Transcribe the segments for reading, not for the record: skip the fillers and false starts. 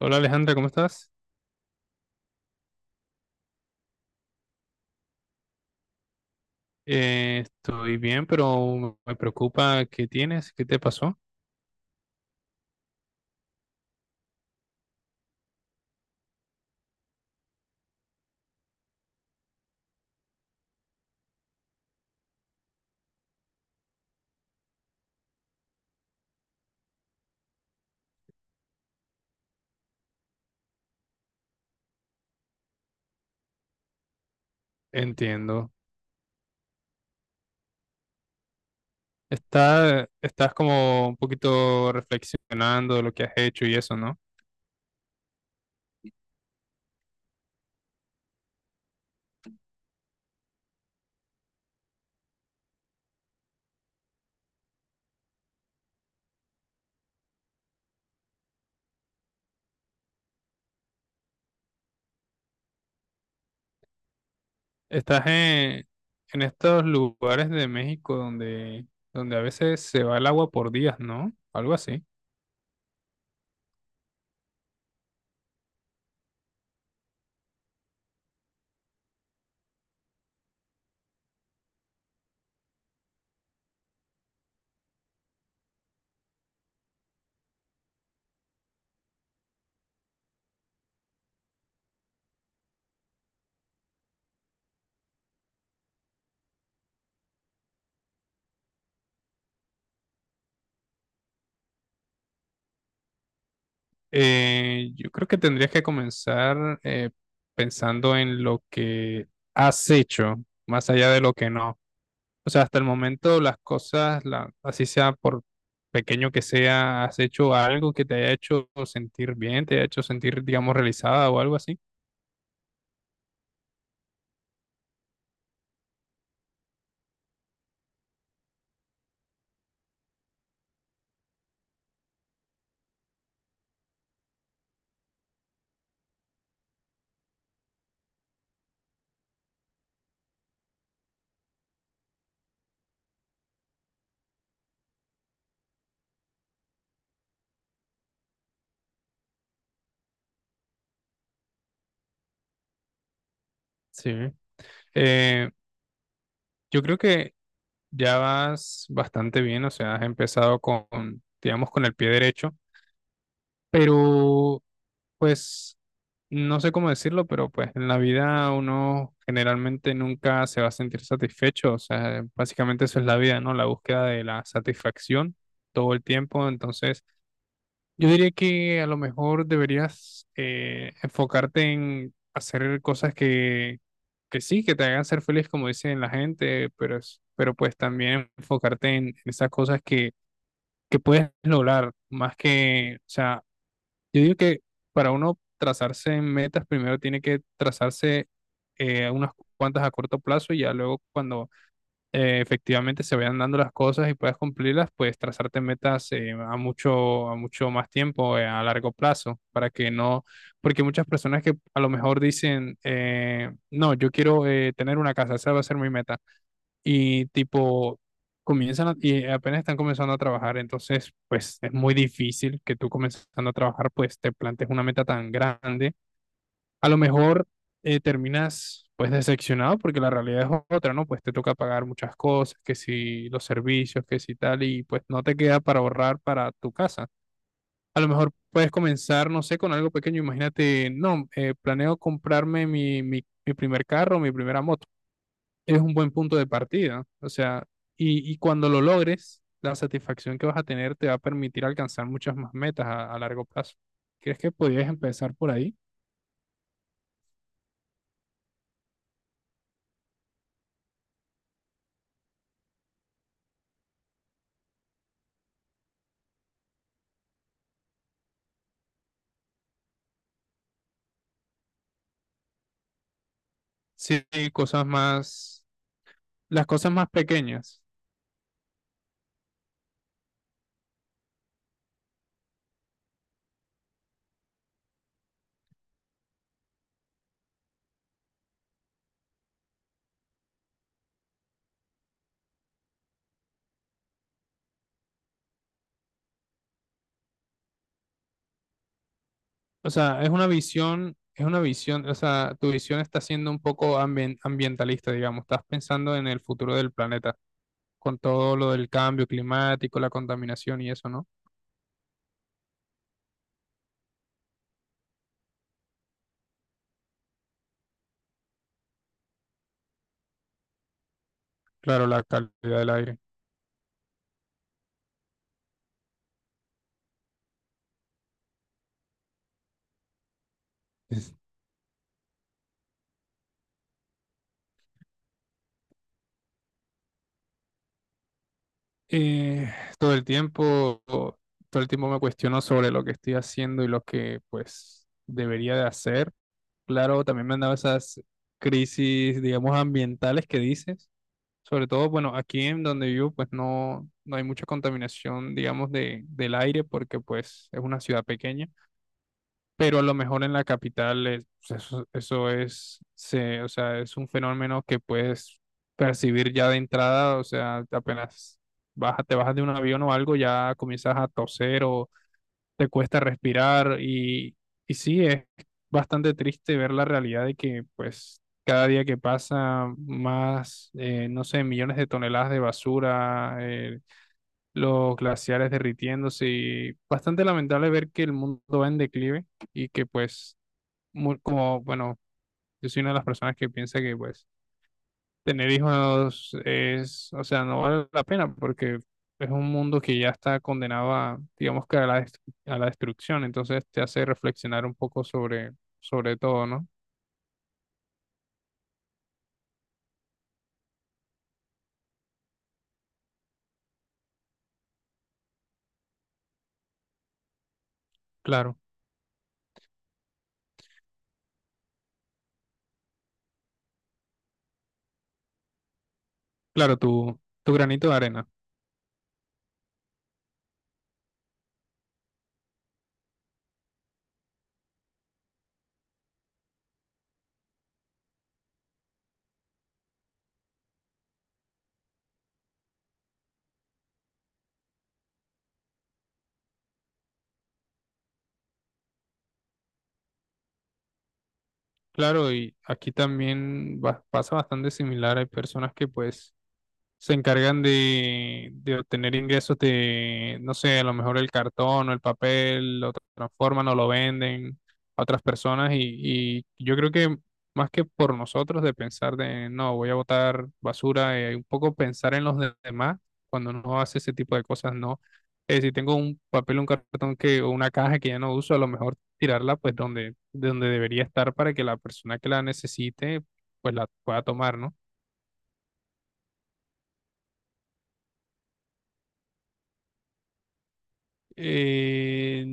Hola Alejandra, ¿cómo estás? Estoy bien, pero me preocupa qué tienes, qué te pasó. Entiendo. ¿Estás como un poquito reflexionando de lo que has hecho y eso, no? ¿Estás en estos lugares de México donde a veces se va el agua por días, no? Algo así. Yo creo que tendrías que comenzar pensando en lo que has hecho, más allá de lo que no. O sea, hasta el momento las cosas, la, así sea por pequeño que sea, has hecho algo que te haya hecho sentir bien, te haya hecho sentir, digamos, realizada o algo así. Sí. Eh, yo creo que ya vas bastante bien, o sea, has empezado con, digamos, con el pie derecho, pero pues no sé cómo decirlo, pero pues en la vida uno generalmente nunca se va a sentir satisfecho, o sea, básicamente eso es la vida, ¿no? La búsqueda de la satisfacción todo el tiempo, entonces... Yo diría que a lo mejor deberías enfocarte en hacer cosas que sí, que te hagan ser feliz, como dicen la gente, pero, pero pues también enfocarte en esas cosas que puedes lograr, más que, o sea, yo digo que para uno trazarse en metas, primero tiene que trazarse unas cuantas a corto plazo y ya luego cuando efectivamente se vayan dando las cosas y puedas cumplirlas, pues trazarte metas a mucho más tiempo, a largo plazo, para que no, porque muchas personas que a lo mejor dicen, no, yo quiero tener una casa, esa va a ser mi meta, y tipo, y apenas están comenzando a trabajar, entonces, pues es muy difícil que tú comenzando a trabajar, pues te plantes una meta tan grande a lo mejor terminas pues decepcionado porque la realidad es otra, ¿no? Pues te toca pagar muchas cosas, que si los servicios, que si tal, y pues no te queda para ahorrar para tu casa. A lo mejor puedes comenzar, no sé, con algo pequeño. Imagínate, no, planeo comprarme mi primer carro, mi primera moto. Es un buen punto de partida. O sea, y cuando lo logres, la satisfacción que vas a tener te va a permitir alcanzar muchas más metas a largo plazo. ¿Crees que podrías empezar por ahí? Sí, cosas más las cosas más pequeñas. O sea, es una visión, o sea, tu visión está siendo un poco ambientalista, digamos, estás pensando en el futuro del planeta, con todo lo del cambio climático, la contaminación y eso, ¿no? Claro, la calidad del aire. Es- eh, Todo el tiempo, todo el tiempo me cuestiono sobre lo que estoy haciendo y lo que, pues, debería de hacer. Claro, también me han dado esas crisis, digamos, ambientales que dices. Sobre todo, bueno, aquí en donde vivo, pues no, no hay mucha contaminación, digamos, de, del aire, porque pues es una ciudad pequeña, pero a lo mejor en la capital pues, eso es, se, o sea, es un fenómeno que puedes percibir ya de entrada, o sea, apenas te bajas de un avión o algo, ya comienzas a toser o, te cuesta respirar y sí, es bastante triste ver la realidad de que pues cada día que pasa más, no sé, millones de toneladas de basura, los glaciares derritiéndose y bastante lamentable ver que el mundo va en declive y que pues, como, bueno, yo soy una de las personas que piensa que pues tener hijos es, o sea, no vale la pena porque es un mundo que ya está condenado a, digamos que a la, a la destrucción, entonces te hace reflexionar un poco sobre, sobre todo, ¿no? Claro, claro, tu granito de arena. Claro, y aquí también pasa bastante similar. Hay personas que pues se encargan de obtener ingresos de, no sé, a lo mejor el cartón o el papel, lo transforman o lo venden a otras personas y yo creo que más que por nosotros de pensar de, no, voy a botar basura, un poco pensar en los demás cuando uno hace ese tipo de cosas, no. Si tengo un papel, un cartón que, o una caja que ya no uso, a lo mejor tirarla pues donde, de donde debería estar para que la persona que la necesite pues la pueda tomar, ¿no? Eh,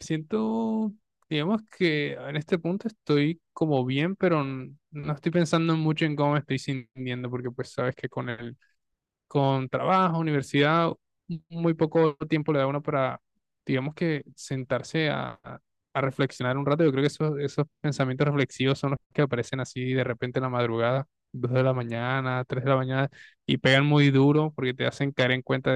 Siento, digamos que en este punto estoy como bien, pero no estoy pensando mucho en cómo me estoy sintiendo, porque pues sabes que con el, con trabajo, universidad, muy poco tiempo le da uno para, digamos que sentarse a reflexionar un rato. Yo creo que esos, esos pensamientos reflexivos son los que aparecen así de repente en la madrugada, dos de la mañana, tres de la mañana, y pegan muy duro porque te hacen caer en cuenta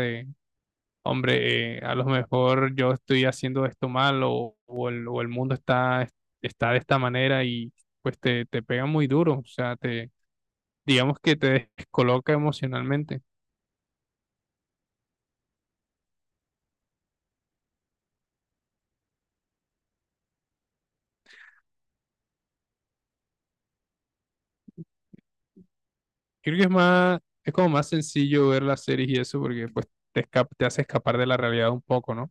hombre, a lo mejor yo estoy haciendo esto mal o, o el mundo está, está de esta manera y pues te pega muy duro, o sea, te, digamos que te descoloca emocionalmente. Creo que es más, es como más sencillo ver las series y eso porque pues te, te hace escapar de la realidad un poco, ¿no?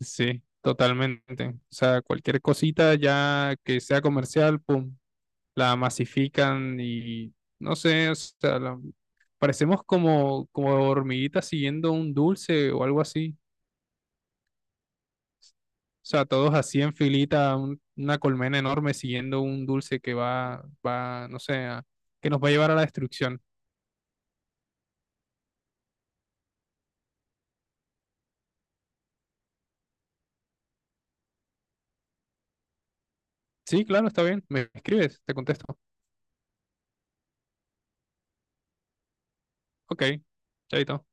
Sí, totalmente. O sea, cualquier cosita ya que sea comercial, pum, la masifican y no sé, o sea, parecemos como, como hormiguitas siguiendo un dulce o algo así. O sea, todos así en filita, una colmena enorme siguiendo un dulce que va, va, no sé, que nos va a llevar a la destrucción. Sí, claro, está bien. Me escribes, te contesto. Ok, chaito.